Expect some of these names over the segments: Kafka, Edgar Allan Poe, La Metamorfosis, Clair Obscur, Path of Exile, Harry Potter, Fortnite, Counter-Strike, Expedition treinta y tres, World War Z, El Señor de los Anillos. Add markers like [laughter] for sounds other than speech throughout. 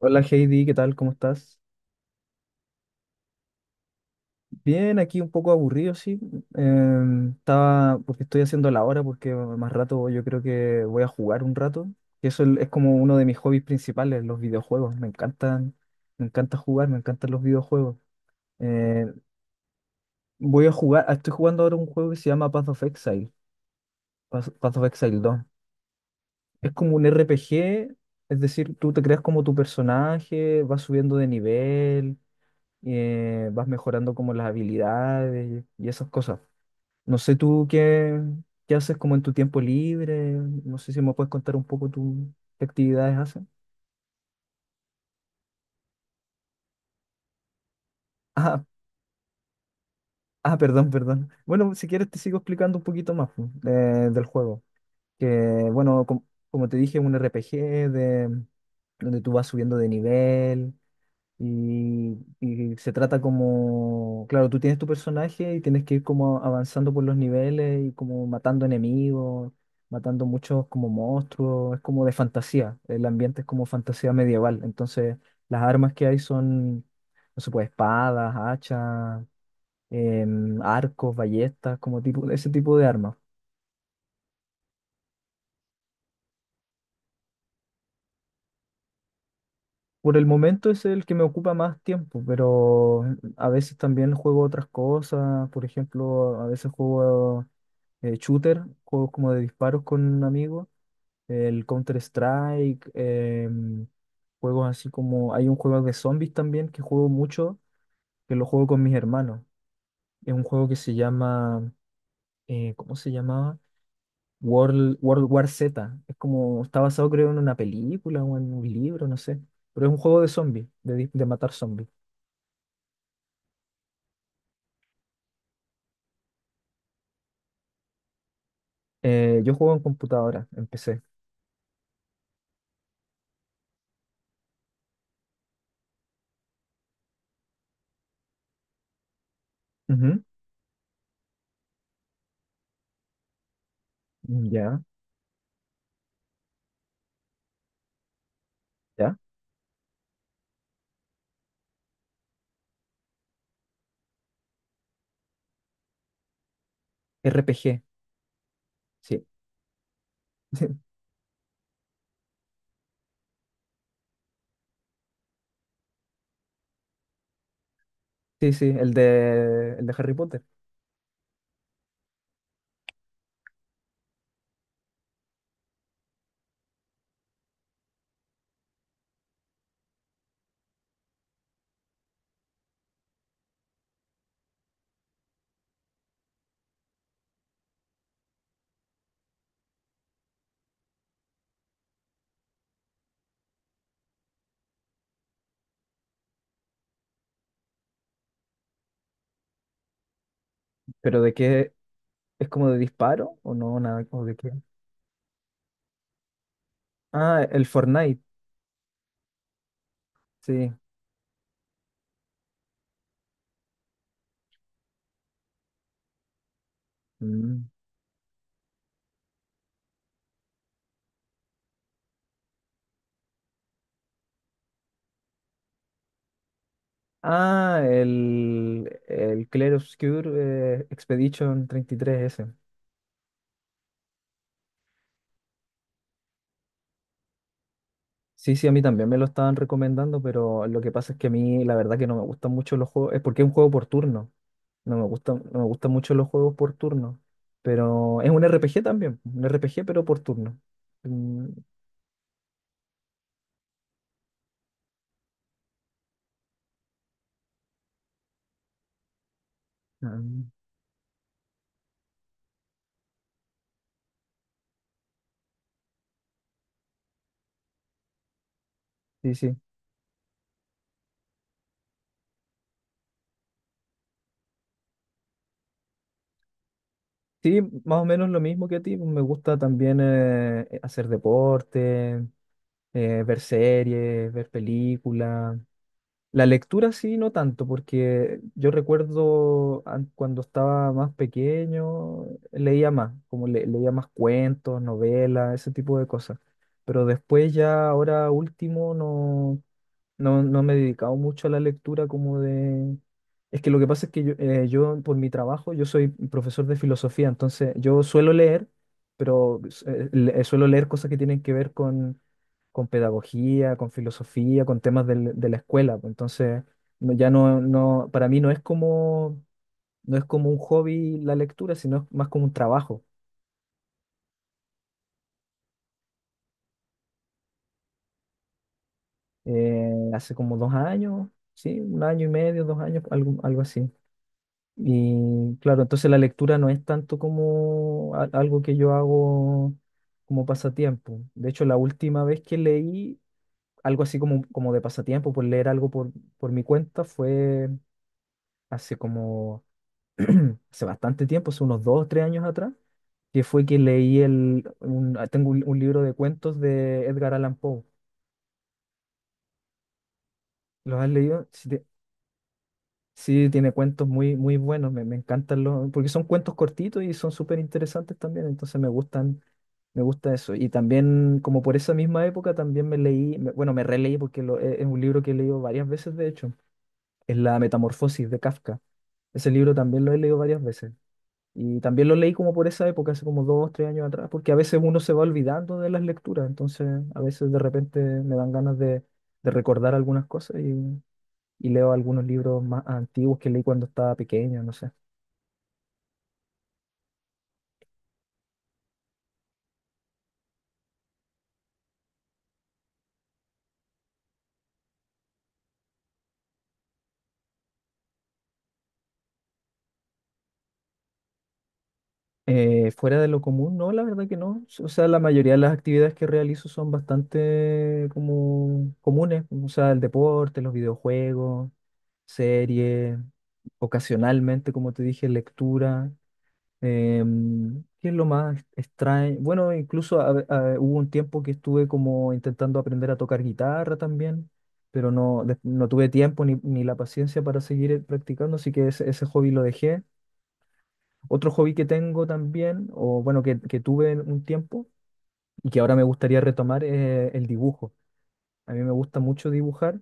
Hola Heidi, ¿qué tal? ¿Cómo estás? Bien, aquí un poco aburrido, sí. Estaba, porque estoy haciendo la hora, porque más rato yo creo que voy a jugar un rato. Y eso es como uno de mis hobbies principales, los videojuegos. Me encantan, me encanta jugar, me encantan los videojuegos. Eh, Voy a jugar, estoy jugando ahora un juego que se llama Path of Exile, Path of Exile 2. Es como un RPG, es decir, tú te creas como tu personaje, vas subiendo de nivel, vas mejorando como las habilidades y esas cosas. No sé qué haces como en tu tiempo libre, no sé si me puedes contar un poco tu, qué actividades haces. Ah, perdón, perdón. Bueno, si quieres te sigo explicando un poquito más pues, del juego, que bueno, como te dije, es un RPG de, donde tú vas subiendo de nivel. Y se trata como, claro, tú tienes tu personaje y tienes que ir como avanzando por los niveles y como matando enemigos, matando muchos como monstruos, es como de fantasía, el ambiente es como fantasía medieval, entonces las armas que hay son, no sé, pues espadas, hachas, arcos, ballestas, como tipo, ese tipo de armas. Por el momento es el que me ocupa más tiempo, pero a veces también juego otras cosas. Por ejemplo, a veces juego shooter, juegos como de disparos con un amigo, el Counter-Strike, juegos así como... Hay un juego de zombies también que juego mucho, que lo juego con mis hermanos. Es un juego que se llama... ¿cómo se llamaba? World War Z. Es como... Está basado creo en una película o en un libro, no sé. Pero es un juego de zombies, de, de matar zombies. Yo juego en computadora, empecé. Ujú, ya, ya. RPG, sí. [laughs] Sí, sí, el de Harry Potter. ¿Pero de qué? ¿Es como de disparo o no? Nada, ¿o de qué? Ah, el Fortnite, sí. Mm. Ah, el Clair Obscur Expedition 33 s. Sí, sí, a mí también me lo estaban recomendando, pero lo que pasa es que a mí la verdad que no me gustan mucho los juegos, es porque es un juego por turno. No me gusta, no me gustan mucho los juegos por turno. Pero es un RPG también. Un RPG, pero por turno. Mm, ah, sí, sí. Sí, más o menos lo mismo que a ti. Me gusta también hacer deporte, ver series, ver películas. La lectura sí, no tanto, porque yo recuerdo cuando estaba más pequeño, leía más, como leía más cuentos, novelas, ese tipo de cosas. Pero después ya, ahora último, no, no, no me he dedicado mucho a la lectura como de, es que lo que pasa es que yo, yo, por mi trabajo, yo soy profesor de filosofía, entonces yo suelo leer, pero suelo leer cosas que tienen que ver con pedagogía, con filosofía, con temas de la escuela, pues. Entonces, ya no, no, para mí no es como, no es como un hobby la lectura, sino es más como un trabajo. Hace como 2 años, sí, un año y medio, 2 años, algo, algo así. Y claro, entonces la lectura no es tanto como algo que yo hago como pasatiempo. De hecho, la última vez que leí algo así como, como de pasatiempo, por leer algo por mi cuenta, fue hace como, [clears throat] hace bastante tiempo, hace unos 2 o 3 años atrás, que fue que leí tengo un libro de cuentos de Edgar Allan Poe. ¿Los has leído? Sí, tiene cuentos muy, muy buenos, me encantan los, porque son cuentos cortitos y son súper interesantes también, entonces me gustan, me gusta eso. Y también, como por esa misma época, también me leí, bueno, me releí porque es un libro que he leído varias veces, de hecho, es La Metamorfosis de Kafka. Ese libro también lo he leído varias veces. Y también lo leí como por esa época, hace como 2, 3 años atrás, porque a veces uno se va olvidando de las lecturas, entonces a veces de repente me dan ganas de recordar algunas cosas y leo algunos libros más antiguos que leí cuando estaba pequeño, no sé. Fuera de lo común, no, la verdad que no. O sea, la mayoría de las actividades que realizo son bastante como comunes, o sea, el deporte, los videojuegos, series, ocasionalmente, como te dije, lectura. ¿Qué es lo más extraño? Bueno, incluso hubo un tiempo que estuve como intentando aprender a tocar guitarra también, pero no, no tuve tiempo ni, ni la paciencia para seguir practicando, así que ese hobby lo dejé. Otro hobby que tengo también, o bueno, que tuve en un tiempo y que ahora me gustaría retomar es el dibujo. A mí me gusta mucho dibujar,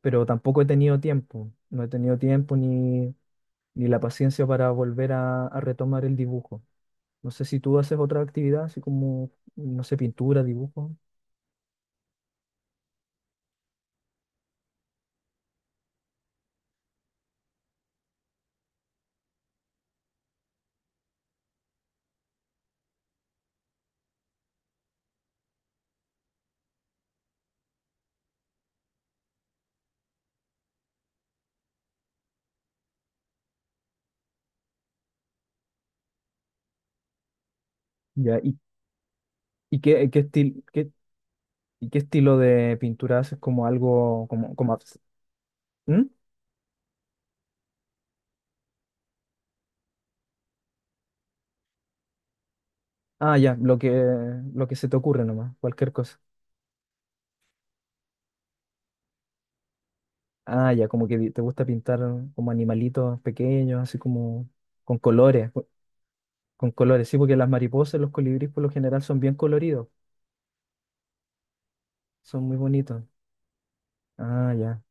pero tampoco he tenido tiempo. No he tenido tiempo ni, ni la paciencia para volver a retomar el dibujo. No sé si tú haces otra actividad, así como, no sé, pintura, dibujo. Ya, y qué, qué estil- qué- ¿y qué estilo de pintura haces? Como algo, como, ¿mm? Ah, ya, lo que se te ocurre nomás, cualquier cosa. Ah, ya, como que te gusta pintar como animalitos pequeños, así como con colores, con colores, sí, porque las mariposas, los colibríes por lo general son bien coloridos, son muy bonitos. Ah, ya.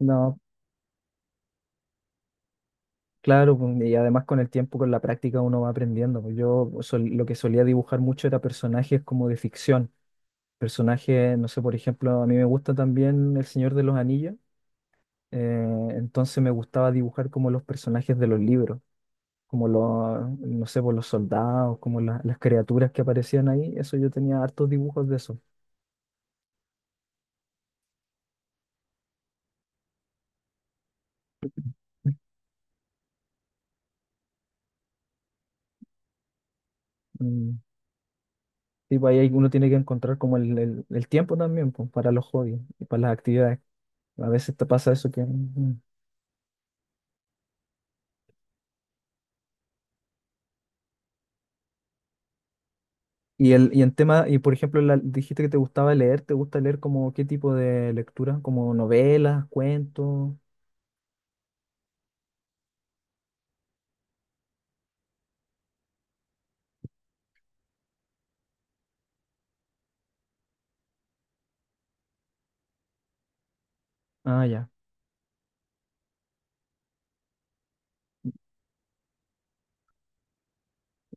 No. Claro, pues, y además con el tiempo, con la práctica, uno va aprendiendo, pues. Lo que solía dibujar mucho era personajes como de ficción. Personajes, no sé, por ejemplo, a mí me gusta también El Señor de los Anillos, entonces me gustaba dibujar como los personajes de los libros, como los, no sé, pues, los soldados, como las criaturas que aparecían ahí. Eso yo tenía hartos dibujos de eso. Mm, y pues, ahí uno tiene que encontrar como el tiempo también, pues, para los hobbies y para las actividades. A veces te pasa eso que... mm, y el, y en tema, y por ejemplo, dijiste que te gustaba leer, ¿te gusta leer como qué tipo de lectura? ¿Como novelas, cuentos? Ah, ya,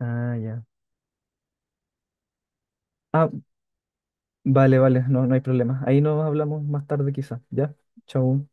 ah, ya. Ah, vale, vale, no, no hay problema. Ahí nos hablamos más tarde quizá, ¿ya? Chau.